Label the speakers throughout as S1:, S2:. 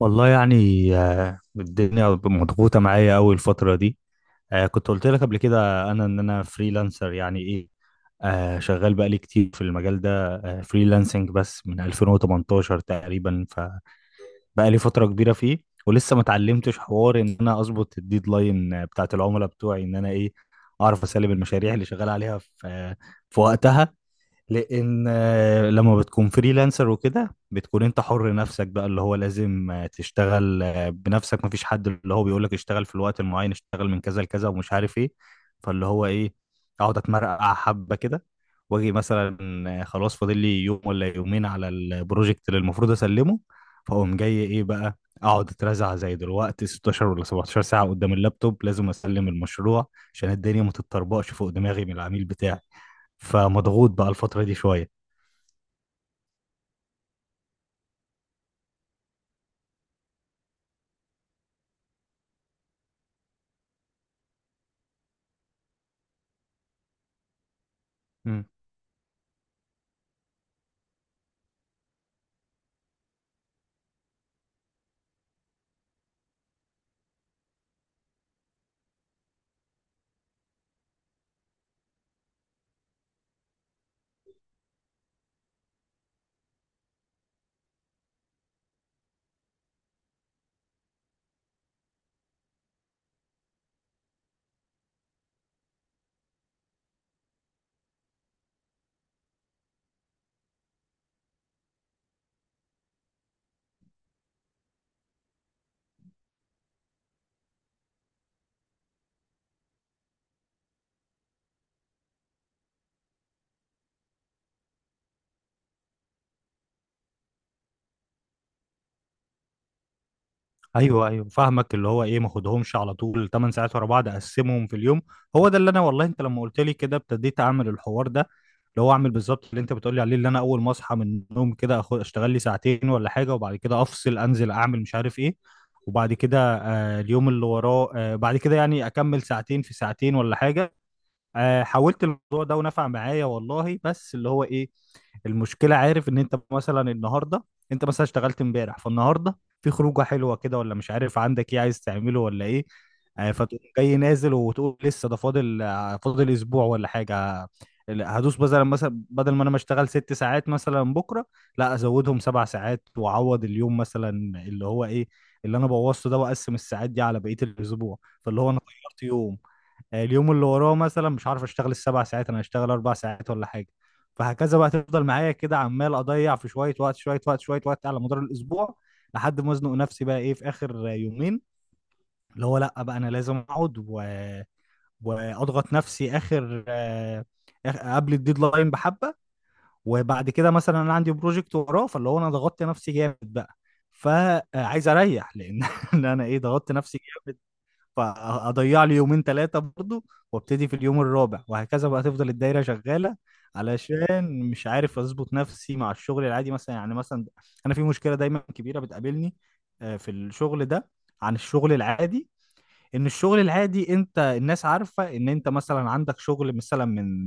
S1: والله يعني. الدنيا مضغوطة معايا أوي الفترة دي. كنت قلت لك قبل كده إن أنا فريلانسر يعني إيه. شغال بقالي كتير في المجال ده، فريلانسنج، بس من 2018 تقريبا. فبقالي فترة كبيرة فيه، ولسه ما اتعلمتش حوار إن أنا أظبط الديدلاين بتاعت العملاء بتوعي، إن أنا إيه، أعرف أسلم المشاريع اللي شغال عليها في وقتها. لان لما بتكون فريلانسر وكده، بتكون انت حر نفسك بقى، اللي هو لازم تشتغل بنفسك، مفيش حد اللي هو بيقولك اشتغل في الوقت المعين، اشتغل من كذا لكذا، ومش عارف ايه. فاللي هو ايه، اقعد اتمرقع حبه كده، واجي مثلا خلاص، فاضل لي يوم ولا يومين على البروجكت اللي المفروض اسلمه. فاقوم جاي ايه بقى، اقعد اترزع زي دلوقتي 16 ولا 17 ساعه قدام اللابتوب، لازم اسلم المشروع عشان الدنيا ما تتطربقش فوق دماغي من العميل بتاعي. فمضغوط بقى الفترة دي شوية. مم. ايوه، ايوه، فاهمك. اللي هو ايه، ما خدهمش على طول 8 ساعات ورا بعض، اقسمهم في اليوم. هو ده اللي انا، والله، انت لما قلت لي كده ابتديت اعمل الحوار ده، اللي هو اعمل بالظبط اللي انت بتقول لي عليه. اللي انا اول ما اصحى من النوم كده أخد اشتغل لي 2 ساعتين ولا حاجة، وبعد كده افصل انزل اعمل مش عارف ايه. وبعد كده، اليوم اللي وراه بعد كده يعني اكمل 2 في 2 ولا حاجة. حاولت الموضوع ده ونفع معايا والله، بس اللي هو ايه، المشكله، عارف، ان انت مثلا النهارده، انت مثلا اشتغلت امبارح فالنهارده في خروجه حلوه كده، ولا مش عارف عندك ايه عايز تعمله ولا ايه. فتقوم جاي نازل وتقول لسه ده فاضل اسبوع ولا حاجه. لا، هدوس مثلا بدل ما انا ما اشتغل 6 ساعات مثلا بكره، لا ازودهم 7 ساعات واعوض اليوم مثلا، اللي هو ايه اللي انا بوظته ده، واقسم الساعات دي على بقيه الاسبوع، فاللي هو انا غيرت يوم. اليوم اللي وراه مثلا مش عارف، اشتغل ال7 ساعات، انا هشتغل 4 ساعات ولا حاجه. فهكذا بقى تفضل معايا كده، عمال اضيع في شويه وقت شويه وقت شويه وقت على مدار الاسبوع، لحد ما ازنق نفسي بقى ايه في اخر 2 يومين، اللي هو لا بقى، انا لازم اقعد واضغط نفسي اخر قبل الديدلاين بحبه. وبعد كده مثلا انا عندي بروجكت وراه، فاللي هو انا ضغطت نفسي جامد بقى، فعايز اريح لان إن انا ايه ضغطت نفسي. فاضيع لي 2 3 برضو، وابتدي في اليوم الرابع، وهكذا بقى تفضل الدايره شغاله. علشان مش عارف اظبط نفسي مع الشغل العادي مثلا. يعني مثلا انا في مشكله دايما كبيره بتقابلني في الشغل ده، عن الشغل العادي. ان الشغل العادي، انت الناس عارفه ان انت مثلا عندك شغل مثلا من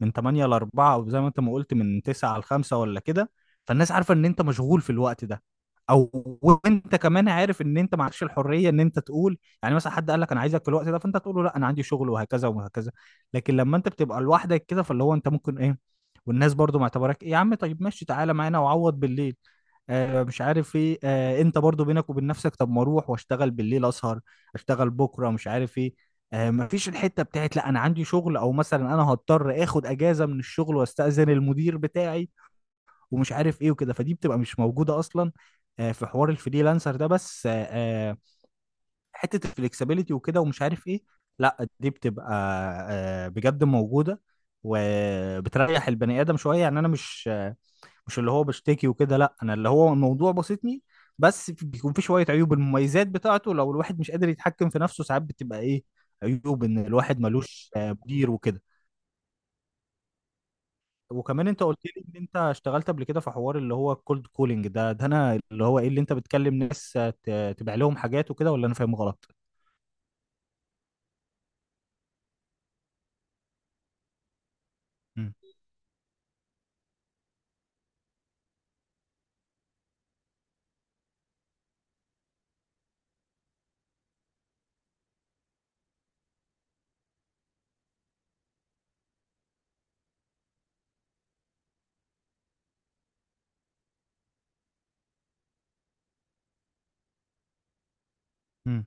S1: من 8 ل 4، او زي ما انت ما قلت من 9 ل 5 ولا كده. فالناس عارفه ان انت مشغول في الوقت ده. او، وانت كمان عارف ان انت ما عندكش الحريه ان انت تقول، يعني مثلا حد قال لك انا عايزك في الوقت ده، فانت تقول له لا انا عندي شغل، وهكذا وهكذا. لكن لما انت بتبقى لوحدك كده، فاللي هو انت ممكن ايه، والناس برضو معتبرك ايه، يا عم طيب، ماشي تعالى معانا وعوض بالليل، مش عارف ايه. انت برضو بينك وبين نفسك طب ما اروح واشتغل بالليل اسهر، اشتغل بكره، مش عارف ايه. مفيش الحته بتاعت لا انا عندي شغل، او مثلا انا هضطر اخد اجازه من الشغل واستاذن المدير بتاعي ومش عارف ايه وكده، فدي بتبقى مش موجوده اصلا في حوار الفريلانسر ده. بس آه، حته الفلكسبيليتي وكده ومش عارف ايه، لا دي بتبقى بجد موجوده، وبتريح البني ادم شويه. يعني انا مش اللي هو بشتكي وكده، لا انا اللي هو الموضوع بسيطني، بس بيكون في شويه عيوب المميزات بتاعته، لو الواحد مش قادر يتحكم في نفسه ساعات بتبقى ايه عيوب، ان الواحد ملوش مدير وكده. وكمان انت قلت لي ان انت اشتغلت قبل كده في حوار اللي هو الكولد كولينج ده، انا اللي هو ايه، اللي انت بتكلم ناس تبيع لهم حاجات وكده، ولا انا فاهم غلط؟ امم. امم.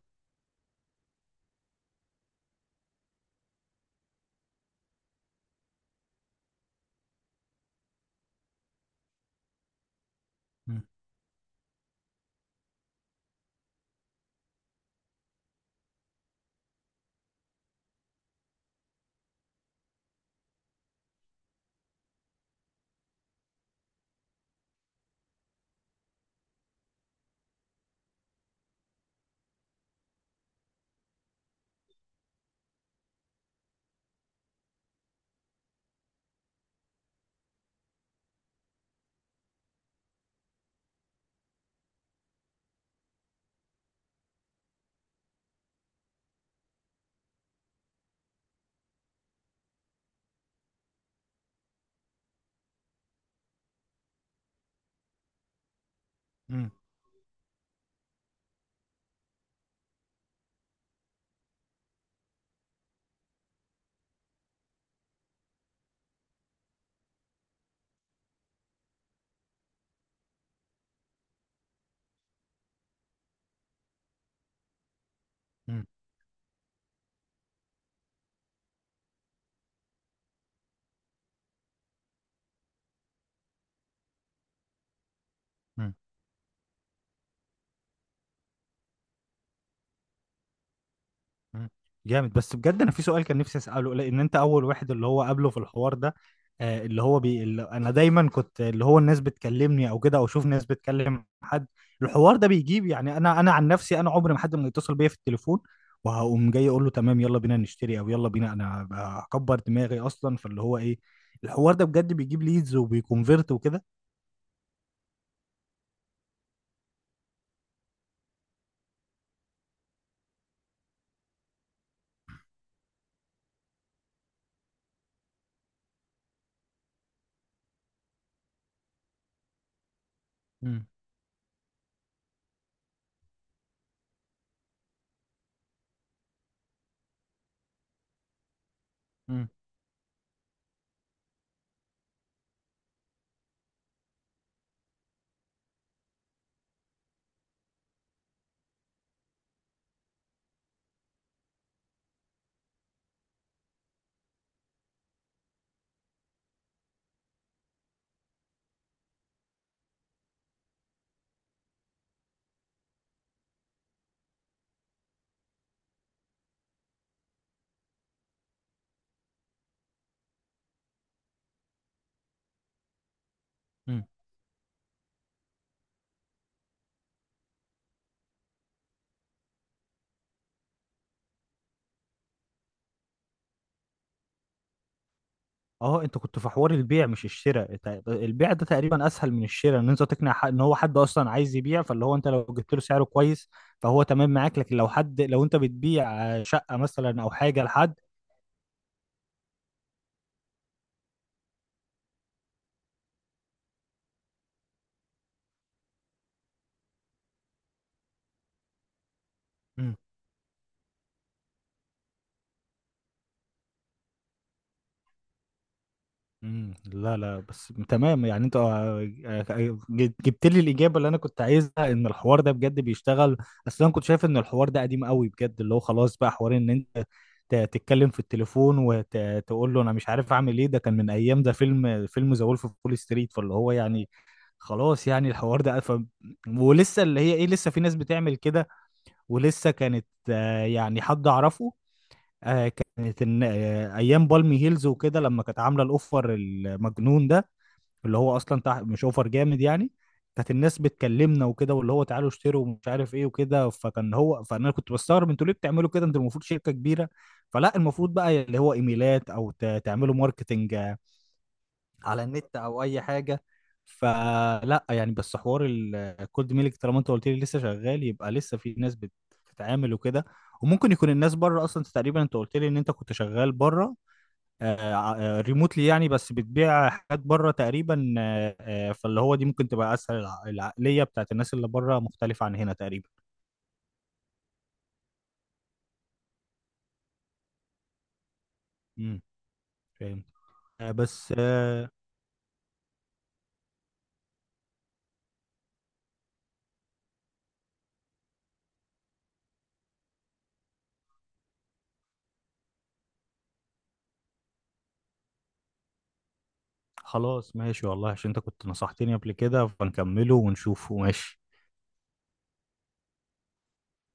S1: امم. امم. إمم. مم. جامد. بس بجد انا في سؤال كان نفسي اساله، لان انت اول واحد اللي هو قابله في الحوار ده. اللي هو اللي انا دايما كنت اللي هو الناس بتكلمني او كده، او اشوف ناس بتكلم حد، الحوار ده بيجيب، يعني انا عن نفسي، انا عمري ما حد ما يتصل بيا في التليفون وهقوم جاي اقول له تمام يلا بينا نشتري او يلا بينا، انا هكبر دماغي اصلا، فاللي هو ايه، الحوار ده بجد بيجيب ليدز وبيكونفيرت وكده؟ مم. مم. اه، انت كنت في حوار البيع مش الشراء. البيع ده تقريبا اسهل من الشراء، ان انت تقنع حد ان هو حد اصلا عايز يبيع، فاللي هو انت لو جبت له سعره كويس فهو تمام معاك. لكن لو انت بتبيع شقة مثلا او حاجة لحد. مم. لا، لا، بس تمام. يعني انت جبت لي الاجابه اللي انا كنت عايزها، ان الحوار ده بجد بيشتغل. اصل انا كنت شايف ان الحوار ده قديم قوي بجد، اللي هو خلاص بقى حوار ان انت تتكلم في التليفون وتقول له انا مش عارف اعمل ايه. ده كان من ايام ده فيلم ذا وولف اوف وول ستريت، فاللي هو يعني خلاص يعني الحوار ده ولسه اللي هي ايه، لسه في ناس بتعمل كده. ولسه كانت يعني حد اعرفه، آه، كانت ايام بالمي هيلز وكده لما كانت عامله الاوفر المجنون ده، اللي هو اصلا تحت، مش اوفر جامد يعني، كانت الناس بتكلمنا وكده، واللي هو تعالوا اشتروا ومش عارف ايه وكده، فكان هو فانا كنت بستغرب، انتوا ليه بتعملوا كده، انتوا المفروض شركه كبيره، فلا المفروض بقى اللي هو ايميلات، او تعملوا ماركتنج على النت او اي حاجه. فلا يعني، بس حوار الكولد ميلك طالما انت قلت لي لسه شغال يبقى لسه في ناس بتتعامل وكده، وممكن يكون الناس بره اصلا. انت قلت لي ان انت كنت شغال بره ريموتلي يعني، بس بتبيع حاجات بره تقريبا. فاللي هو دي ممكن تبقى اسهل، العقليه بتاعت الناس اللي بره مختلفه عن هنا تقريبا. امم. فاهم. بس خلاص ماشي والله، عشان انت كنت نصحتني قبل كده، فنكمله ونشوفه ماشي.